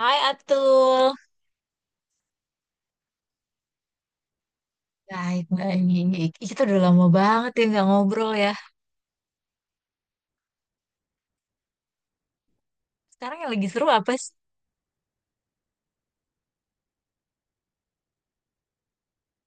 Hai Atul. Baik, baik. Ih, kita udah lama banget ya nggak ngobrol ya. Sekarang yang lagi seru apa sih?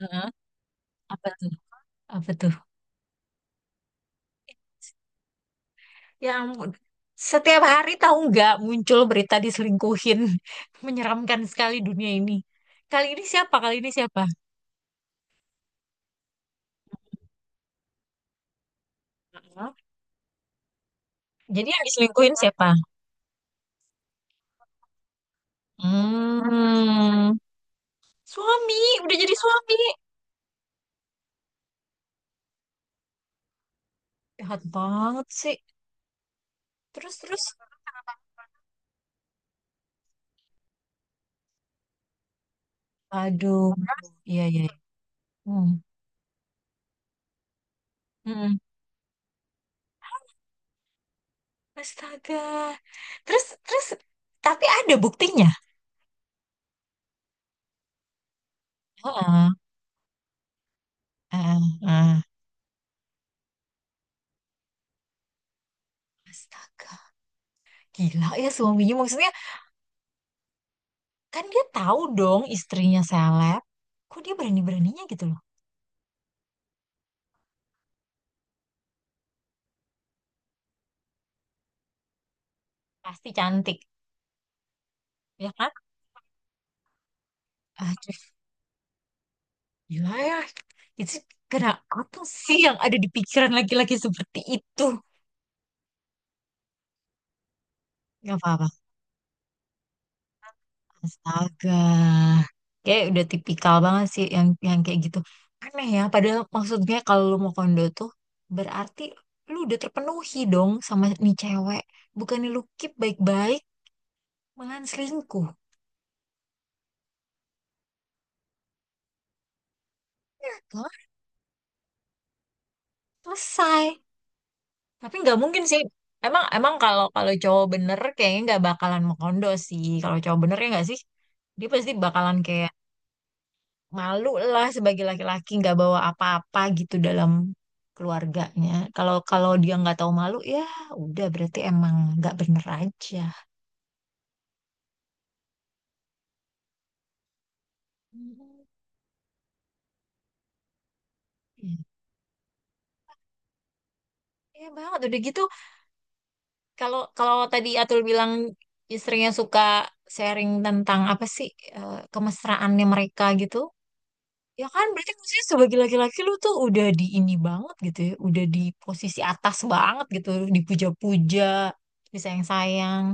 Heeh. Apa tuh? Apa tuh? Yang setiap hari tahu nggak muncul berita diselingkuhin. Menyeramkan sekali dunia ini. Kali ini siapa? Kali ini siapa? Heeh. Jadi yang diselingkuhin siapa? Hmm. Suami, udah jadi suami. Jahat banget sih. Terus, terus. Aduh. Iya, iya. Hmm. Astaga. Terus, terus, tapi ada buktinya. Heeh, heeh, heeh. Astaga. Gila ya suaminya. Maksudnya kan dia tahu dong istrinya seleb. Kok dia berani-beraninya gitu loh. Pasti cantik. Ya kan? Aduh, gila ya. Itu kena apa sih yang ada di pikiran laki-laki seperti itu? Gak apa-apa. Astaga. Kayak udah tipikal banget sih yang kayak gitu. Aneh ya, padahal maksudnya kalau lu mau kondo tuh berarti lu udah terpenuhi dong sama nih cewek. Bukannya lu keep baik-baik, malah selingkuh. Ya, toh, selesai. Tapi nggak mungkin sih. Emang emang kalau kalau cowok bener kayaknya nggak bakalan mau kondo sih. Kalau cowok bener ya nggak sih? Dia pasti bakalan kayak malu lah sebagai laki-laki nggak bawa apa-apa gitu dalam keluarganya. Kalau kalau dia nggak tahu malu ya udah berarti emang nggak bener aja. Hmm. Iya banget udah gitu kalau kalau tadi Atul bilang istrinya suka sharing tentang apa sih kemesraannya mereka gitu. Ya kan berarti maksudnya sebagai laki-laki lu tuh udah di ini banget gitu ya, udah di posisi atas banget gitu, dipuja-puja, disayang-sayang.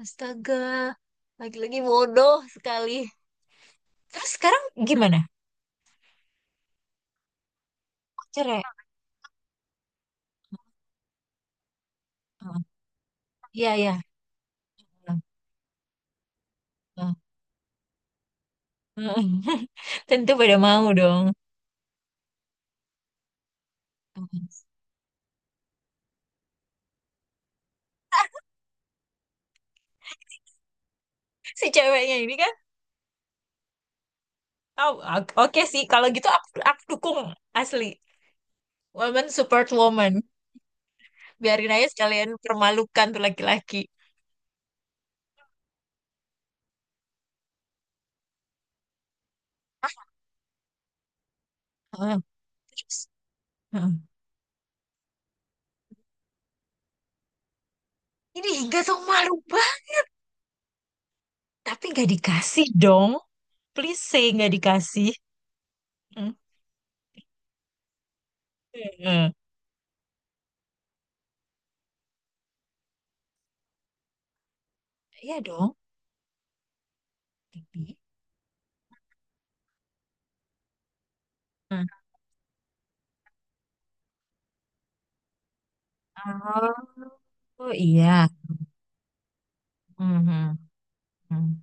Astaga, lagi-lagi bodoh sekali. Terus sekarang gimana? Cerai? Oh, iya, iya. Oh, oh. Tentu pada mau dong. Si ceweknya ini kan, oh, oke sih. Kalau gitu aku dukung asli. Woman support woman. Biarin aja sekalian permalukan tuh laki-laki. Heeh. Terus, heeh. Ini hingga sama malu. Tapi nggak dikasih dong. Please say nggak dikasih. Hmm. Heeh. Iya dong. Tapi, oh, oh iya. Mhm, mhm.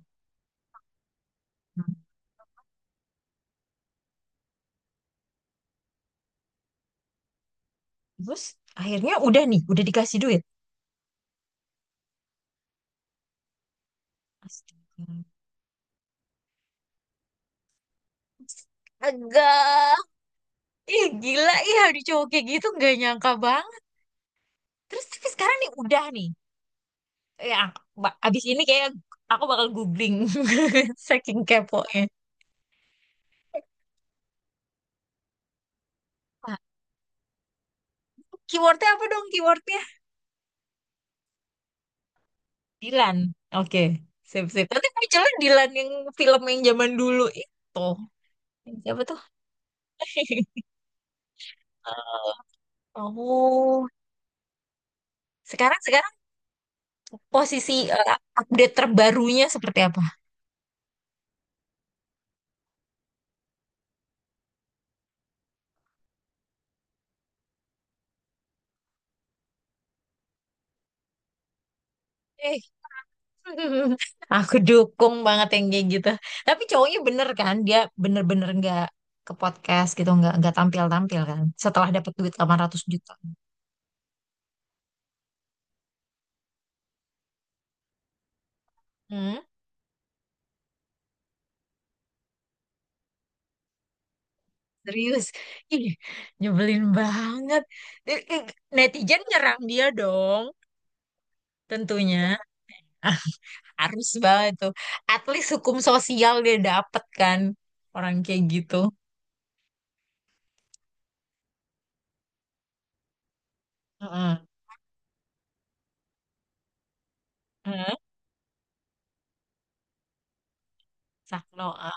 Terus akhirnya udah nih, udah dikasih duit. Astaga. Agak, ih gila, ih ada cowok kayak gitu nggak nyangka banget. Terus tapi sekarang nih udah nih. Ya, abis ini kayak aku bakal googling saking keponya. Nah, keywordnya apa dong keywordnya? Dilan. Oke, sip sip. Nanti munculnya Dilan yang film yang zaman dulu itu. Siapa tuh? Oh, sekarang sekarang posisi update terbarunya seperti apa? Eh, aku dukung banget yang kayak gitu. Tapi cowoknya bener kan, dia bener-bener nggak ke podcast gitu, nggak tampil-tampil kan. Setelah dapat duit 800 juta. Hmm, serius, ih nyebelin banget. Eh, eh, netizen nyerang dia dong, tentunya harus banget tuh. At least hukum sosial dia dapet kan orang kayak gitu. Heeh. Heeh. Sakno. Ah.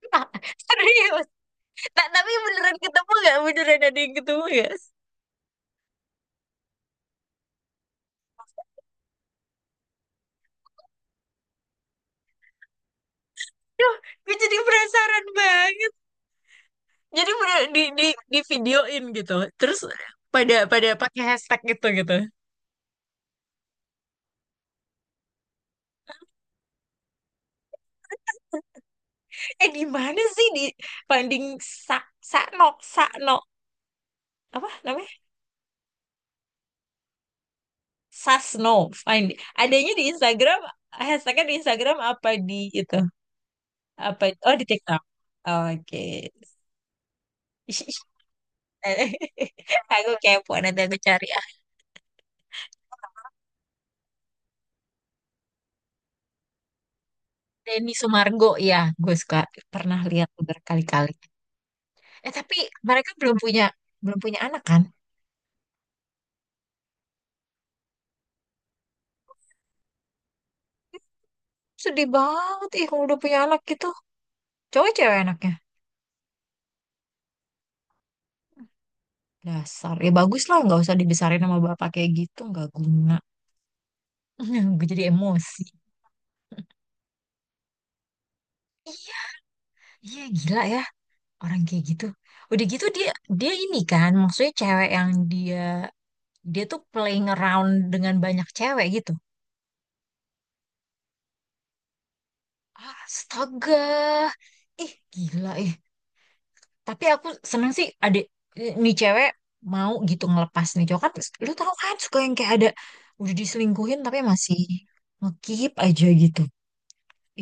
Serius. Tapi beneran ketemu gak? Beneran ada yang ketemu gak? Duh, gue jadi penasaran banget. Jadi bener di di videoin gitu. Terus pada pada pakai hashtag gitu gitu. Eh di mana sih di finding sak Sakno Sakno apa namanya? Sasno. Find adanya di Instagram, hashtagnya di Instagram apa di itu? Apa oh di TikTok. Oke. Aku kepo nanti aku cari. Denny Sumargo ya, gue suka pernah lihat berkali-kali. Eh tapi mereka belum punya belum punya anak kan? Sedih banget ih kalau udah punya anak gitu. Cowok ya cewek anaknya. Dasar. Ya bagus lah nggak usah dibesarin sama bapak kayak gitu nggak guna. Gue jadi emosi. Iya, iya gila ya orang kayak gitu. Udah gitu dia dia ini kan maksudnya cewek yang dia dia tuh playing around dengan banyak cewek gitu. Astaga. Ih, gila ih. Tapi aku seneng sih adik nih cewek mau gitu ngelepas nih cowok kan lu tahu kan suka yang kayak ada udah diselingkuhin tapi masih ngekip aja gitu.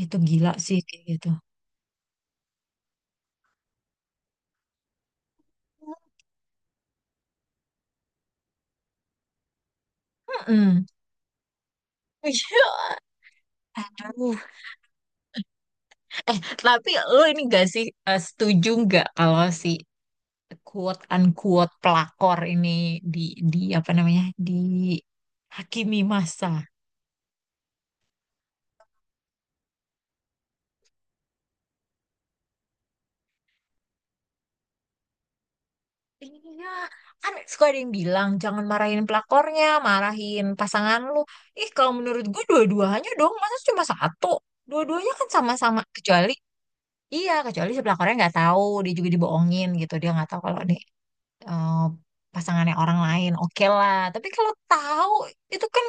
Itu gila sih kayak gitu. Mm-mm. Iya, aduh. Eh, tapi lu ini gak sih setuju nggak kalau si quote unquote pelakor ini di di apa namanya dihakimi masa? Iya, kan suka ada yang bilang jangan marahin pelakornya, marahin pasangan lu. Ih, kalau menurut gue dua-duanya dong, masa cuma satu? Dua-duanya kan sama-sama kecuali iya, kecuali si pelakornya nggak tahu, dia juga dibohongin gitu, dia nggak tahu kalau nih eh, pasangannya orang lain. Oke lah, tapi kalau tahu itu kan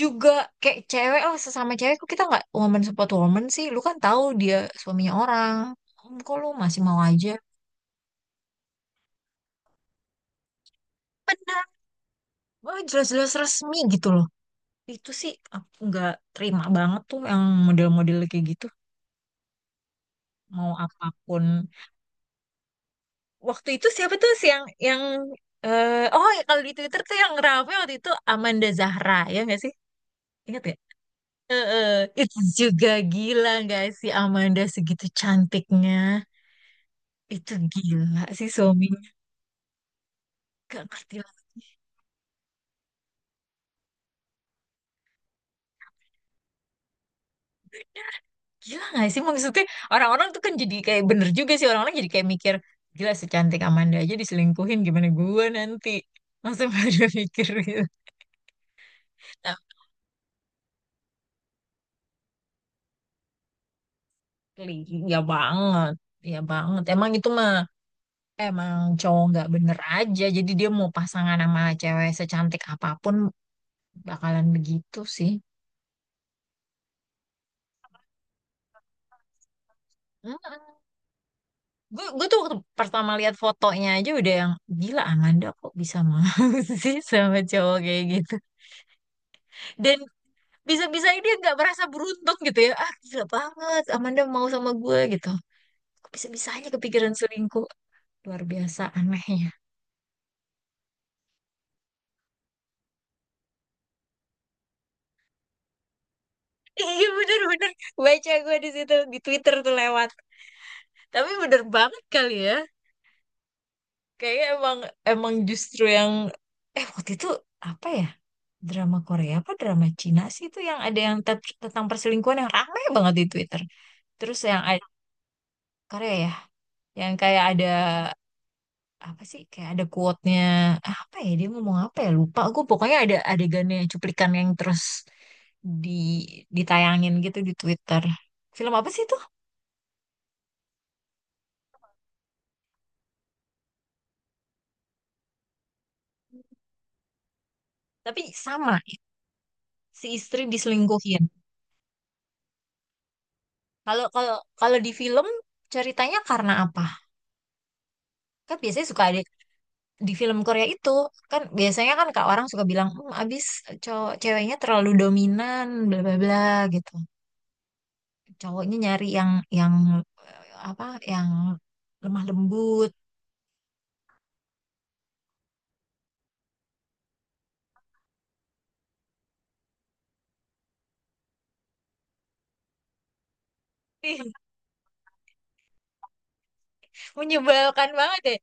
juga kayak cewek lah sesama cewek kok kita nggak woman support woman sih. Lu kan tahu dia suaminya orang. Kok lu masih mau aja? Benar, oh, jelas-jelas resmi gitu loh. Itu sih aku nggak terima banget tuh yang model-model kayak gitu. Mau apapun. Waktu itu siapa tuh sih yang eh oh ya kalau di Twitter tuh yang rame waktu itu Amanda Zahra ya nggak sih? Ingat ya? Eh, eh, itu juga gila nggak sih Amanda segitu cantiknya. Itu gila sih suaminya. Gak ngerti lah. Gila gak sih maksudnya orang-orang tuh kan jadi kayak bener juga sih orang-orang jadi kayak mikir gila secantik Amanda aja diselingkuhin gimana gua nanti langsung pada mikir gitu. Asli, ya banget, ya banget. Emang itu mah emang cowok nggak bener aja. Jadi dia mau pasangan sama cewek secantik apapun bakalan begitu sih. Mm-mm. Gue tuh waktu pertama lihat fotonya aja udah yang gila Amanda kok bisa mau sih sama cowok kayak gitu. Dan bisa-bisa dia nggak merasa beruntung gitu ya. Ah gila banget Amanda mau sama gue gitu. Kok bisa-bisanya kepikiran selingkuh. Luar biasa anehnya. Iya bener-bener baca gue di situ di Twitter tuh lewat. Tapi bener banget kali ya. Kayaknya emang emang justru yang waktu itu apa ya drama Korea apa drama Cina sih itu yang ada yang tentang perselingkuhan yang rame banget di Twitter. Terus yang ada, Korea ya, yang kayak ada apa sih kayak ada quote-nya ah, apa ya dia ngomong apa ya lupa gue pokoknya ada adegannya cuplikan yang terus di ditayangin gitu di Twitter. Film apa sih itu? Tapi sama. Si istri diselingkuhin. Kalau kalau kalau di film ceritanya karena apa? Kan biasanya suka ada di film Korea itu kan biasanya kan kak orang suka bilang hmm, abis cowok ceweknya terlalu dominan bla bla bla gitu. Cowoknya nyari yang eh, apa yang lemah lembut. Ih, menyebalkan banget ya.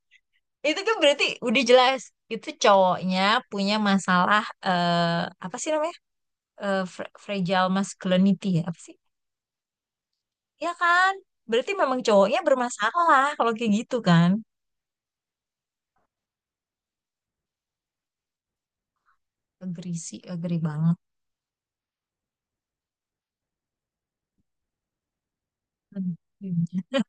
Itu kan berarti udah jelas itu cowoknya punya masalah apa sih namanya? Eh, fragile masculinity ya apa sih? Ya kan? Berarti memang cowoknya bermasalah kalau kayak gitu kan? Agree sih, agree banget. Tentunya,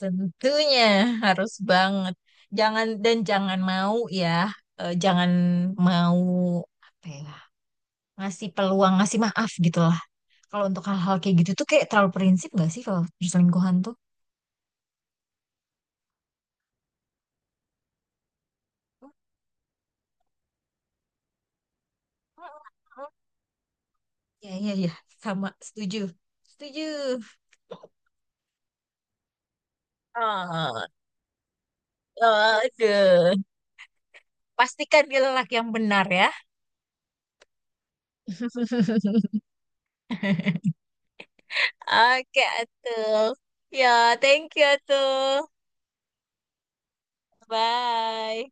tentunya harus banget. Jangan dan jangan mau ya, jangan mau apa ya, ngasih peluang, ngasih maaf gitu lah. Kalau untuk hal-hal kayak gitu tuh kayak terlalu prinsip gak sih kalau perselingkuhan tuh? Ya, ya, ya, sama setuju. Setuju. Ah, aduh. Pastikan dia lelaki yang benar ya. Oke, atuh. Ya, thank you, atuh. Bye.